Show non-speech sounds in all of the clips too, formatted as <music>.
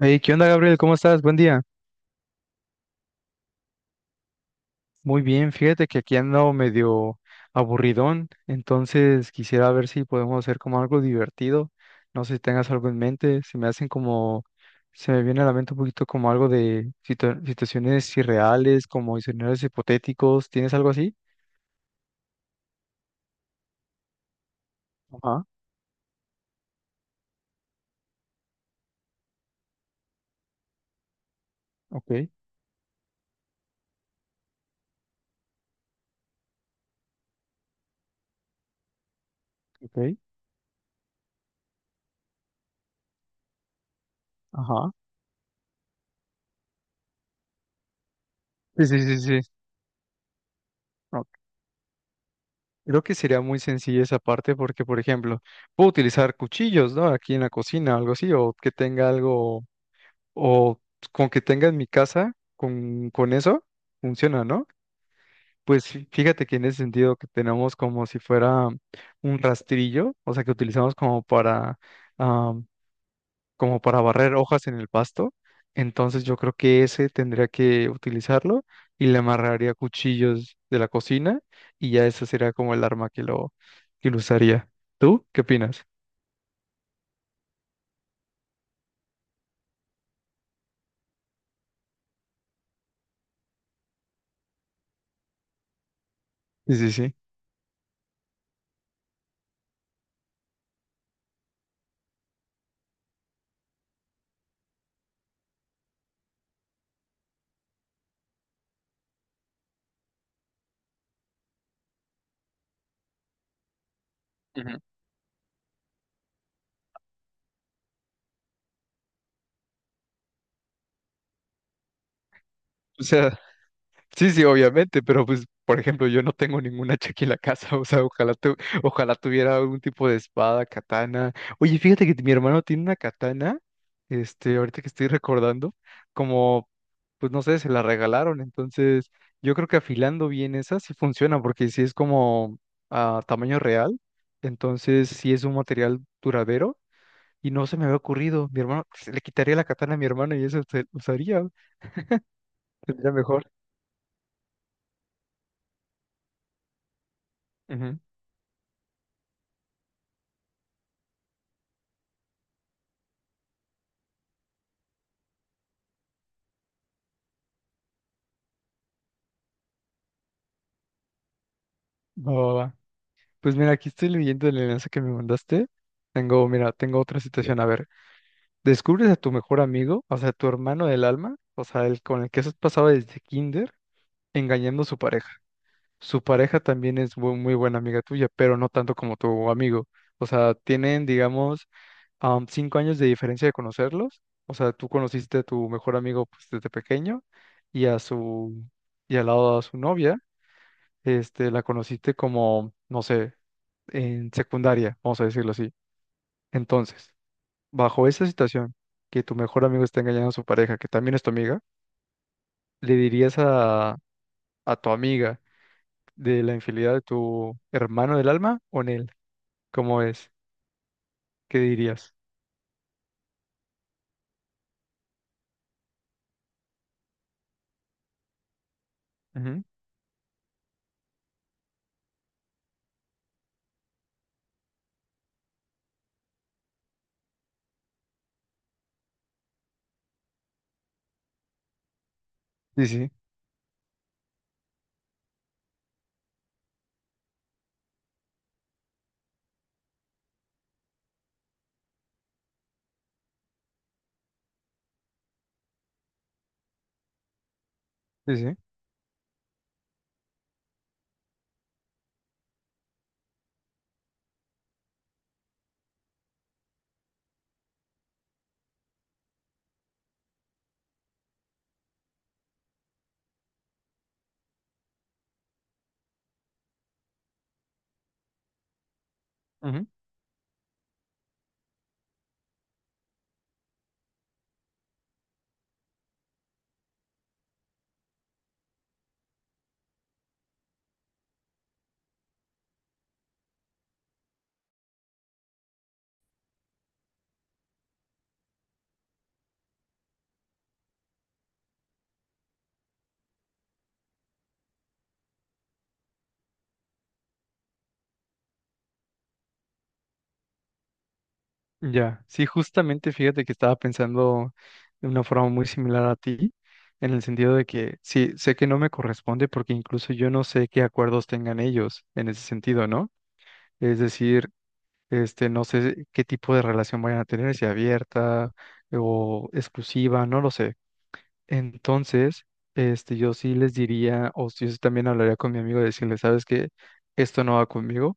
Hey, ¿qué onda, Gabriel? ¿Cómo estás? Buen día. Muy bien, fíjate que aquí ando medio aburridón, entonces quisiera ver si podemos hacer como algo divertido. No sé si tengas algo en mente, se me hacen como, se me viene a la mente un poquito como algo de situaciones irreales, como escenarios hipotéticos. ¿Tienes algo así? Ajá, ok, ok, ajá. Sí, sí, sí, sí. Ok. Creo que sería muy sencilla esa parte porque, por ejemplo, puedo utilizar cuchillos, ¿no? Aquí en la cocina, algo así, o que tenga algo o con que tenga en mi casa, con eso, funciona, ¿no? Pues fíjate que en ese sentido que tenemos como si fuera un rastrillo, o sea, que utilizamos como para, ah, como para barrer hojas en el pasto. Entonces yo creo que ese tendría que utilizarlo y le amarraría cuchillos de la cocina y ya ese sería como el arma que lo usaría. ¿Tú qué opinas? Sí, sí, sí. Ujú. O sea, sí, sí, obviamente, pero pues, por ejemplo, yo no tengo ningún hacha aquí <laughs> en la casa, o sea, ojalá, ojalá tuviera algún tipo de espada, katana. Oye, fíjate que mi hermano tiene una katana, este, ahorita que estoy recordando, como, pues no sé, se la regalaron, entonces yo creo que afilando bien esa sí funciona, porque si es como a tamaño real, entonces sí es un material duradero y no se me había ocurrido, mi hermano, se le quitaría la katana a mi hermano y eso se usaría, tendría mejor. Ujú. Va, va, va. Pues mira, aquí estoy leyendo el enlace que me mandaste. Tengo, mira, tengo otra situación. A ver, descubres a tu mejor amigo, o sea, tu hermano del alma, o sea, el con el que has pasado desde kinder, engañando a su pareja. Su pareja también es muy, buena amiga tuya, pero no tanto como tu amigo. O sea, tienen, digamos, 5 años de diferencia de conocerlos. O sea, tú conociste a tu mejor amigo pues, desde pequeño y a su, y al lado a su novia, este, la conociste como, no sé, en secundaria, vamos a decirlo así. Entonces, bajo esa situación, que tu mejor amigo está engañando a su pareja, que también es tu amiga, ¿le dirías a tu amiga de la infidelidad de tu hermano del alma o en él? ¿Cómo es? ¿Qué dirías? Ujú, sí, sí, sí, sí. Ujú, ya, sí, justamente fíjate que estaba pensando de una forma muy similar a ti, en el sentido de que sí, sé que no me corresponde porque incluso yo no sé qué acuerdos tengan ellos en ese sentido, ¿no? Es decir, este, no sé qué tipo de relación vayan a tener, si abierta o exclusiva, no lo sé. Entonces, este, yo sí les diría, o si yo sí también hablaría con mi amigo y decirle, sabes que esto no va conmigo,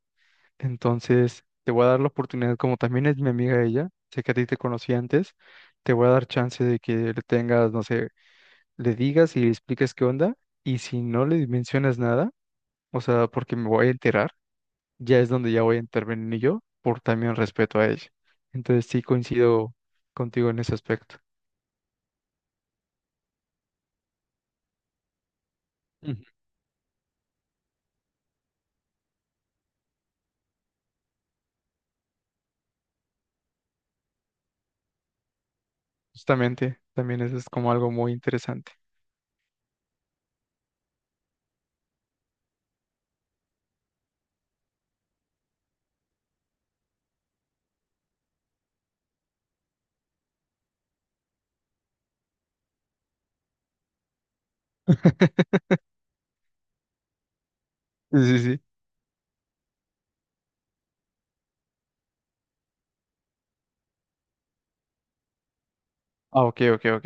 entonces te voy a dar la oportunidad, como también es mi amiga ella, sé que a ti te conocí antes, te voy a dar chance de que le tengas, no sé, le digas y le expliques qué onda, y si no le mencionas nada, o sea, porque me voy a enterar ya es donde ya voy a intervenir yo por también respeto a ella. Entonces sí coincido contigo en ese aspecto. Ujú. Justamente, también eso es como algo muy interesante. <laughs> Sí, sí, sí. Ah, ok, ok, ok.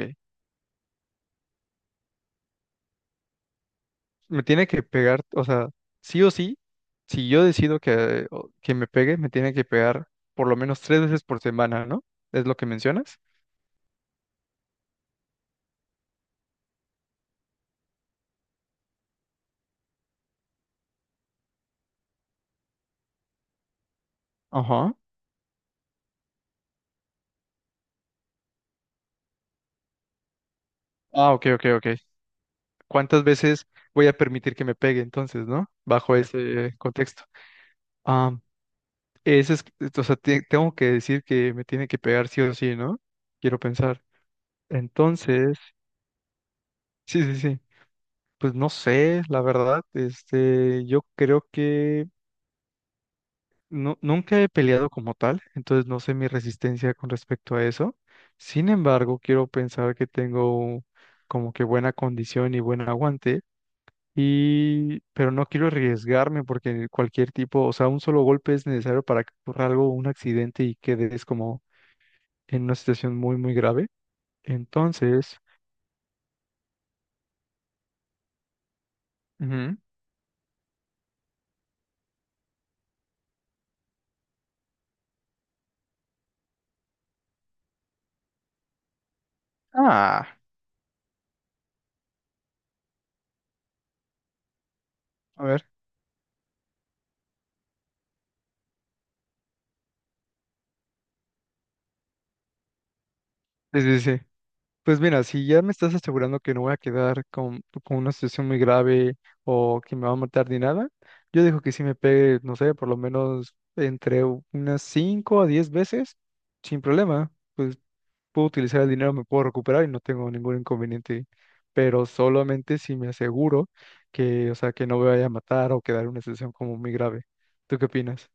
Me tiene que pegar, o sea, sí o sí, si yo decido que, que me pegue, me tiene que pegar por lo menos 3 veces por semana, ¿no? ¿Es lo que mencionas? Ajá. Ah, ok, ok, ok. ¿Cuántas veces voy a permitir que me pegue entonces, ¿no? Bajo ese contexto. Ah, ese es, o sea, tengo que decir que me tiene que pegar sí o sí, ¿no? Quiero pensar. Entonces, sí, sí, sí. Pues no sé, la verdad, este, yo creo que no, nunca he peleado como tal, entonces no sé mi resistencia con respecto a eso. Sin embargo, quiero pensar que tengo como que buena condición y buen aguante, y, pero no quiero arriesgarme porque cualquier tipo, o sea, un solo golpe es necesario para que ocurra algo, un accidente y quedes como en una situación muy, muy grave. Entonces, ujú. Ah, a ver. Sí, sí, sí. Pues mira, si ya me estás asegurando que no voy a quedar con una situación muy grave o que me va a matar ni nada, yo dejo que sí me pegue, no sé, por lo menos entre unas 5 a 10 veces, sin problema. Pues puedo utilizar el dinero, me puedo recuperar y no tengo ningún inconveniente. Pero solamente si me aseguro que, o sea, que no me vaya a matar o quedar en una situación como muy grave. ¿Tú qué opinas?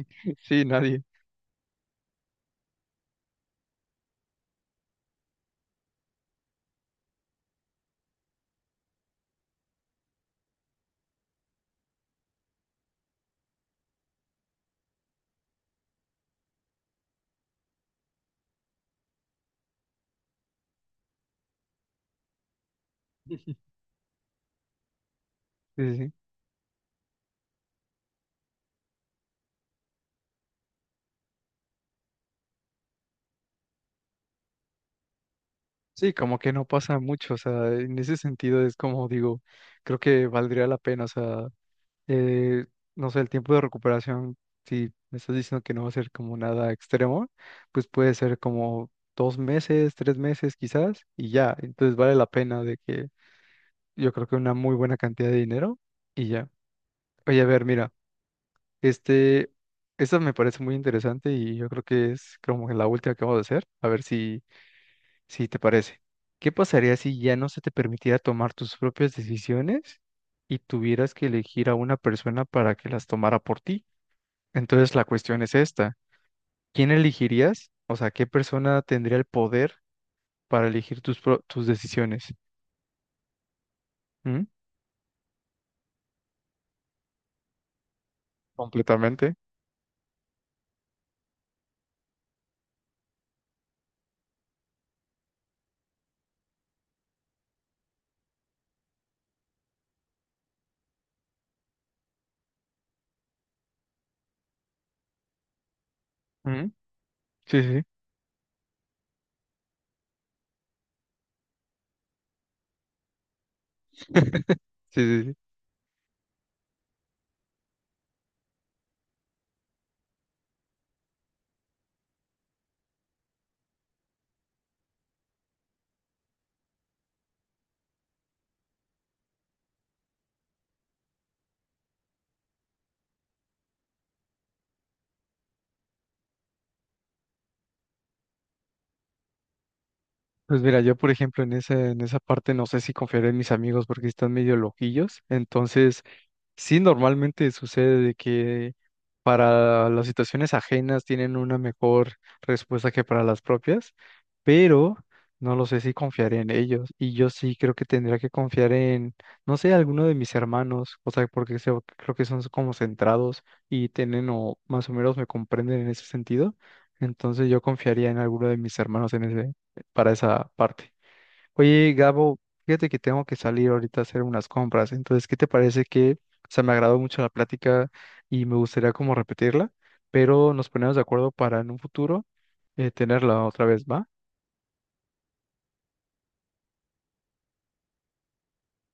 <laughs> Sí, nadie. Sí, sí, sí. Sí, como que no pasa mucho, o sea, en ese sentido es como digo, creo que valdría la pena, o sea, eh, no sé, el tiempo de recuperación, si me estás diciendo que no va a ser como nada extremo, pues puede ser como 2 meses, 3 meses quizás, y ya, entonces vale la pena de que yo creo que una muy buena cantidad de dinero y ya. Oye, a ver, mira, este, esta me parece muy interesante y yo creo que es como la última que vamos a hacer, a ver si. Si te parece, ¿qué pasaría si ya no se te permitiera tomar tus propias decisiones y tuvieras que elegir a una persona para que las tomara por ti? Entonces la cuestión es esta, ¿quién elegirías? O sea, ¿qué persona tendría el poder para elegir tus, tus decisiones? ¿Mm? Completamente. ¿Mm? Sí, sí. Sí, <laughs> sí, sí, sí. Pues mira, yo por ejemplo en esa parte no sé si confiaré en mis amigos porque están medio loquillos, entonces sí, normalmente sucede de que para las situaciones ajenas tienen una mejor respuesta que para las propias, pero no lo sé si confiaré en ellos. Y yo sí creo que tendría que confiar en, no sé, alguno de mis hermanos, o sea, porque creo que son como centrados y tienen o más o menos me comprenden en ese sentido. Entonces yo confiaría en alguno de mis hermanos en ese, para esa parte. Oye, Gabo, fíjate que tengo que salir ahorita a hacer unas compras. Entonces, ¿qué te parece que, o sea, me agradó mucho la plática y me gustaría como repetirla, pero nos ponemos de acuerdo para en un futuro tenerla otra vez, ¿va?